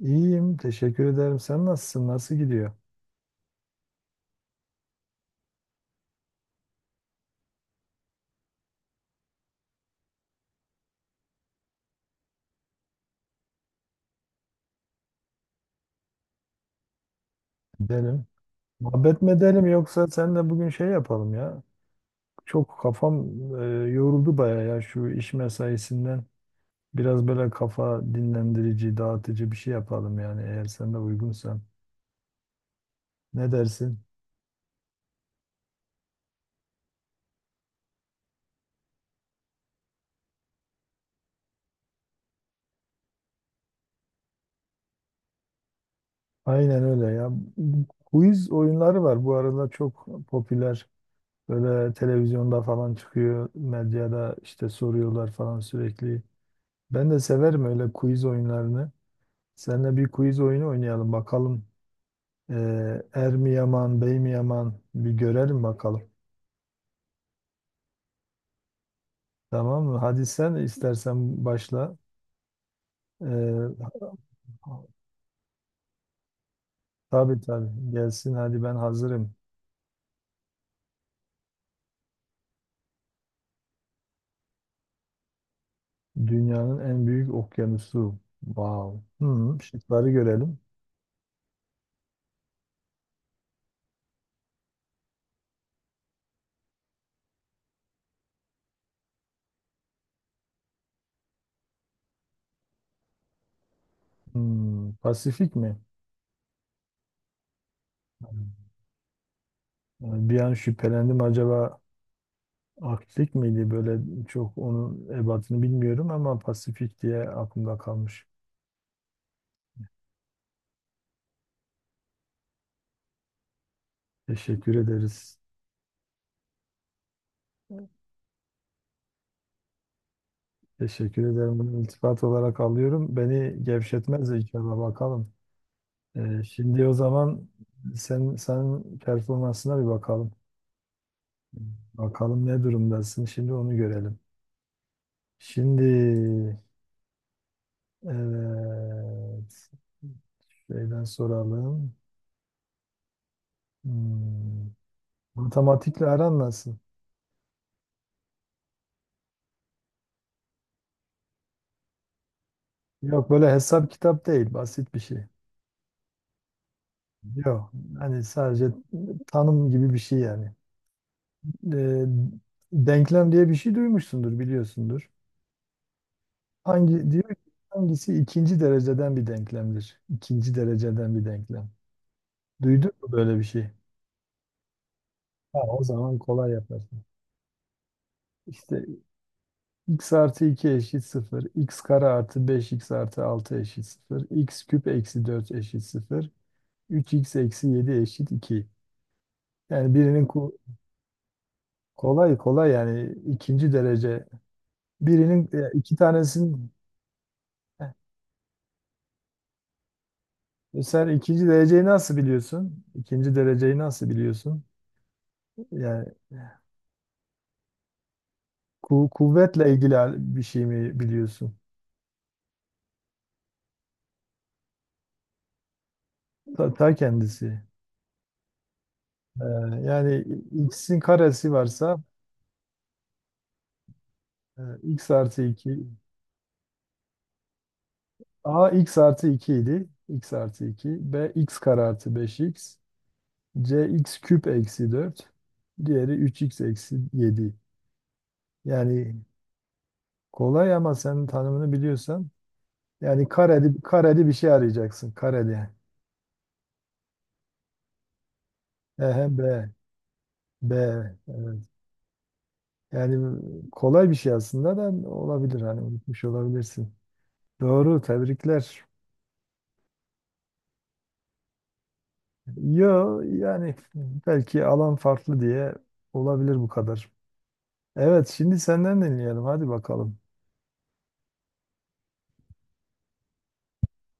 İyiyim, teşekkür ederim. Sen nasılsın? Nasıl gidiyor? Gidelim. Muhabbet mi edelim yoksa sen de bugün şey yapalım ya. Çok kafam yoruldu baya ya şu iş mesaisinden. Biraz böyle kafa dinlendirici, dağıtıcı bir şey yapalım yani eğer sen de uygunsan. Ne dersin? Aynen öyle ya. Bu quiz oyunları var bu arada çok popüler. Böyle televizyonda falan çıkıyor, medyada işte soruyorlar falan sürekli. Ben de severim öyle quiz oyunlarını. Seninle bir quiz oyunu oynayalım bakalım. Er mi yaman, bey mi yaman bir görelim bakalım. Tamam mı? Hadi sen istersen başla. Ee, tabii tabii gelsin hadi ben hazırım. Dünyanın en büyük okyanusu. Wow. Şıkları görelim. Pasifik mi? Yani bir an şüphelendim, acaba Arktik miydi, böyle çok onun ebatını bilmiyorum ama Pasifik diye aklımda kalmış. Teşekkür ederiz. Teşekkür ederim. Bunu iltifat olarak alıyorum. Beni gevşetmez inşallah bakalım. Şimdi o zaman sen performansına bir bakalım. Bakalım ne durumdasın. Şimdi onu görelim. Şimdi evet şeyden soralım. Hmm, Matematikle aran nasıl? Yok böyle hesap kitap değil. Basit bir şey. Yok. Hani sadece tanım gibi bir şey yani. Ee, Denklem diye bir şey duymuşsundur, biliyorsundur. Hangi diyor ki, hangisi ikinci dereceden bir denklemdir? İkinci dereceden bir denklem. Duydun mu böyle bir şey? Ha, o zaman kolay yaparsın. İşte x artı 2 eşit 0, x kare artı 5x artı 6 eşit 0, x küp eksi 4 eşit 0, 3x eksi 7 eşit 2. Yani birinin kolay kolay yani ikinci derece. Birinin iki tanesinin. Heh, Sen ikinci dereceyi nasıl biliyorsun? İkinci dereceyi nasıl biliyorsun? Yani kuvvetle ilgili bir şey mi biliyorsun? Ta kendisi. Ee, Yani x'in karesi varsa x artı 2 a, x artı 2 idi. X artı 2 b, x kare artı 5x c, x küp eksi 4, diğeri 3x eksi 7. Yani kolay ama senin tanımını biliyorsan yani kareli, kareli bir şey arayacaksın. Kareli. Ehe, b b e, Yani kolay bir şey aslında da olabilir hani unutmuş olabilirsin. Doğru, tebrikler. Yo yani belki alan farklı diye olabilir bu kadar. Evet şimdi senden dinleyelim hadi bakalım.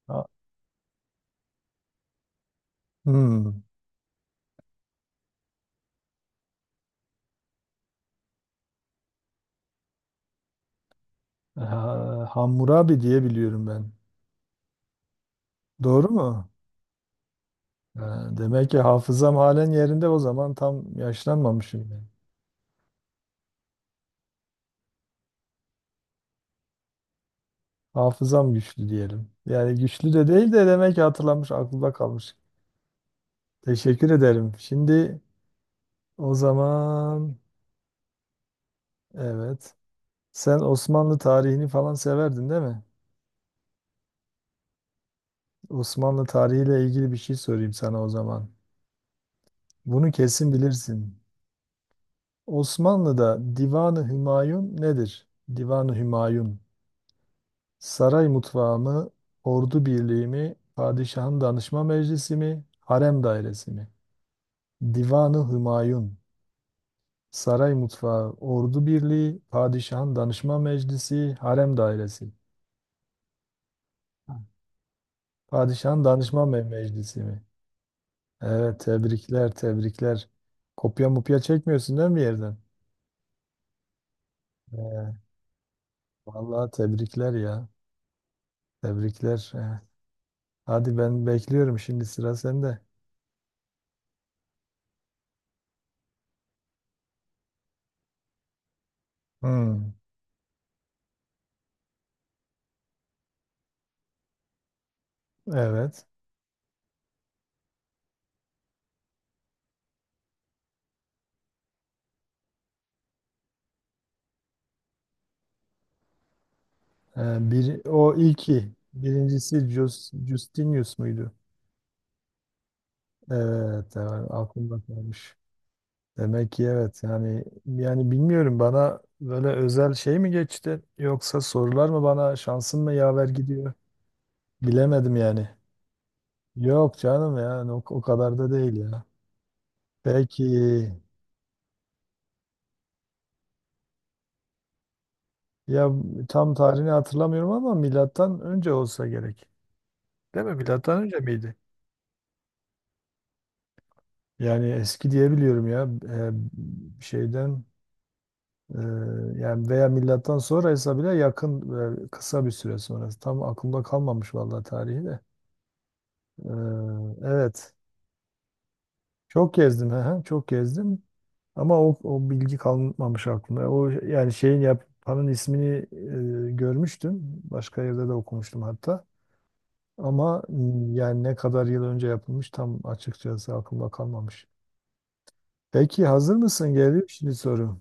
Ha, hmm. Ha, Hammurabi diye biliyorum ben. Doğru mu? Ha, demek ki hafızam halen yerinde o zaman tam yaşlanmamışım ben. Hafızam güçlü diyelim. Yani güçlü de değil de demek ki hatırlamış aklımda kalmış. Teşekkür ederim. Şimdi o zaman evet. Sen Osmanlı tarihini falan severdin değil mi? Osmanlı tarihiyle ilgili bir şey sorayım sana o zaman. Bunu kesin bilirsin. Osmanlı'da Divan-ı Hümayun nedir? Divan-ı Hümayun. Saray mutfağı mı? Ordu birliği mi? Padişahın danışma meclisi mi? Harem dairesi mi? Divan-ı Hümayun. Saray mutfağı, ordu birliği, padişahın danışma meclisi, harem dairesi. Padişahın Danışman Bey Meclisi mi? Evet, tebrikler, tebrikler. Kopya mupya çekmiyorsun değil mi bir yerden? Ee, Vallahi tebrikler ya. Tebrikler. Evet. Hadi ben bekliyorum şimdi sıra sende. Hmm, evet. Bir, o ilki. Birincisi Justinius muydu? Evet, evet aklımda kalmış. Demek ki evet yani bilmiyorum bana böyle özel şey mi geçti yoksa sorular mı bana şansım mı yaver gidiyor bilemedim yani. Yok canım yani o kadar da değil ya. Belki ya tam tarihini hatırlamıyorum ama milattan önce olsa gerek. Değil mi? Milattan önce miydi? Yani eski diyebiliyorum ya. Şeyden e, yani veya milattan sonraysa bile yakın, kısa bir süre sonrası. Tam aklımda kalmamış vallahi tarihi de. E, evet. Çok gezdim ha, çok gezdim. Ama o bilgi kalmamış aklımda. O yani şeyin yapanın ismini görmüştüm. Başka yerde de okumuştum hatta. Ama yani ne kadar yıl önce yapılmış tam açıkçası aklımda kalmamış. Peki hazır mısın? Geliyor şimdi soru.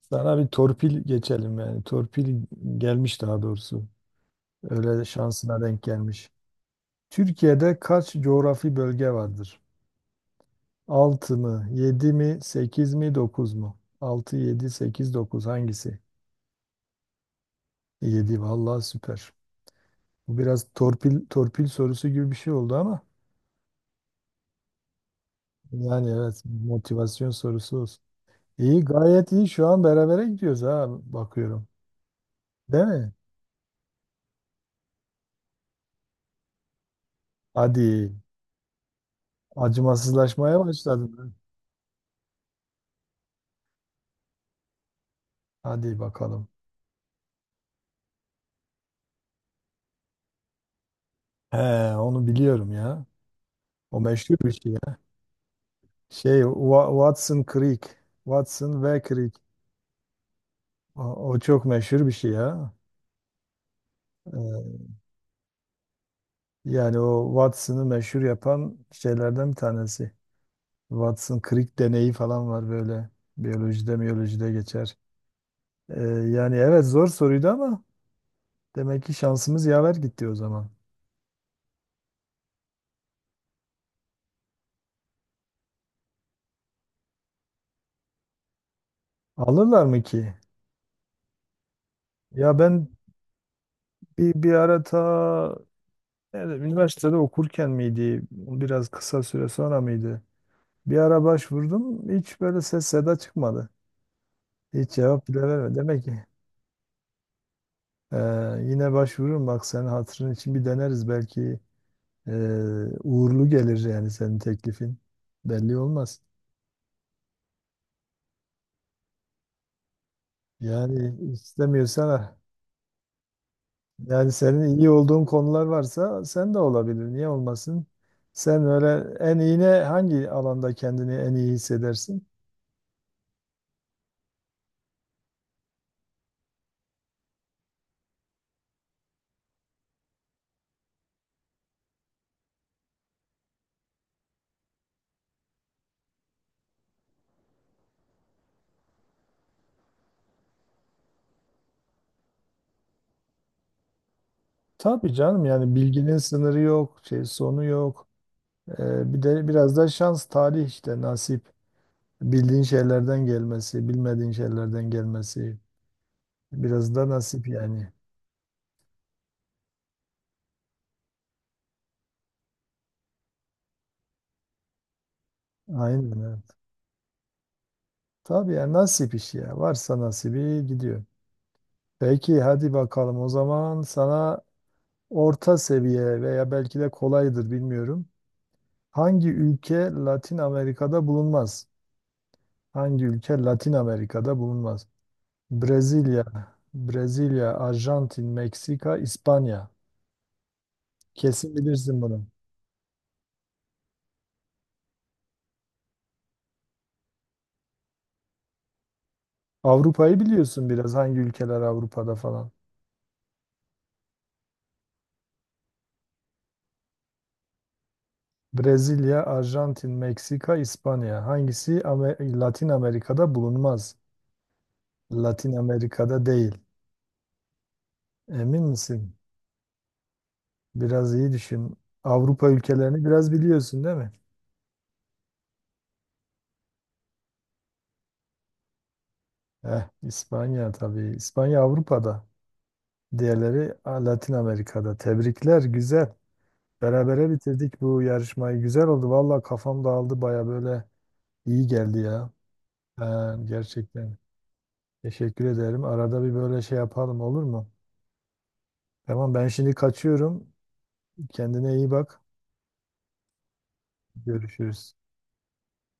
Sana bir torpil geçelim yani. Torpil gelmiş daha doğrusu. Öyle şansına denk gelmiş. Türkiye'de kaç coğrafi bölge vardır? 6 mı, yedi mi, sekiz mi, dokuz mu? 6, 7, 8, 9 hangisi? Yedi, vallahi süper. Bu biraz torpil torpil sorusu gibi bir şey oldu ama yani evet, motivasyon sorusu olsun. İyi, gayet iyi, şu an berabere gidiyoruz ha, bakıyorum. Değil mi? Hadi acımasızlaşmaya başladın. Ha. Hadi bakalım. He, onu biliyorum ya. O meşhur bir şey ya. Watson Creek. Watson ve Creek. O, o çok meşhur bir şey ya. Ee, Yani o Watson'ı meşhur yapan şeylerden bir tanesi. Watson krik deneyi falan var böyle. Biyolojide miyolojide geçer. Yani evet, zor soruydu ama demek ki şansımız yaver gitti o zaman. Alırlar mı ki? Ya ben bir ara, ta nerede, üniversitede okurken miydi? Biraz kısa süre sonra mıydı? Bir ara başvurdum. Hiç böyle ses seda çıkmadı. Hiç cevap bile vermedi. Demek ki ee, yine başvururum, bak senin hatırın için bir deneriz belki. Ee, Uğurlu gelir yani senin teklifin. Belli olmaz. Yani istemiyorsan ah, yani senin iyi olduğun konular varsa sen de olabilir. Niye olmasın? Sen öyle en iyi ne, hangi alanda kendini en iyi hissedersin? Tabii canım, yani bilginin sınırı yok, şey sonu yok. Bir de biraz da şans, talih, işte nasip. Bildiğin şeylerden gelmesi, bilmediğin şeylerden gelmesi. Biraz da nasip yani. Aynen. Evet. Tabii ya, nasip işi ya. Varsa nasibi gidiyor. Peki hadi bakalım o zaman sana orta seviye veya belki de kolaydır bilmiyorum. Hangi ülke Latin Amerika'da bulunmaz? Hangi ülke Latin Amerika'da bulunmaz? Brezilya, Brezilya, Arjantin, Meksika, İspanya. Kesin bilirsin bunu. Avrupa'yı biliyorsun biraz, hangi ülkeler Avrupa'da falan. Brezilya, Arjantin, Meksika, İspanya. Hangisi Latin Amerika'da bulunmaz? Latin Amerika'da değil. Emin misin? Biraz iyi düşün. Avrupa ülkelerini biraz biliyorsun değil mi? Eh, İspanya tabii. İspanya Avrupa'da. Diğerleri ah, Latin Amerika'da. Tebrikler, güzel. Berabere bitirdik bu yarışmayı. Güzel oldu. Valla kafam dağıldı baya, böyle iyi geldi ya. Ha, gerçekten. Teşekkür ederim. Arada bir böyle şey yapalım olur mu? Tamam, ben şimdi kaçıyorum. Kendine iyi bak. Görüşürüz.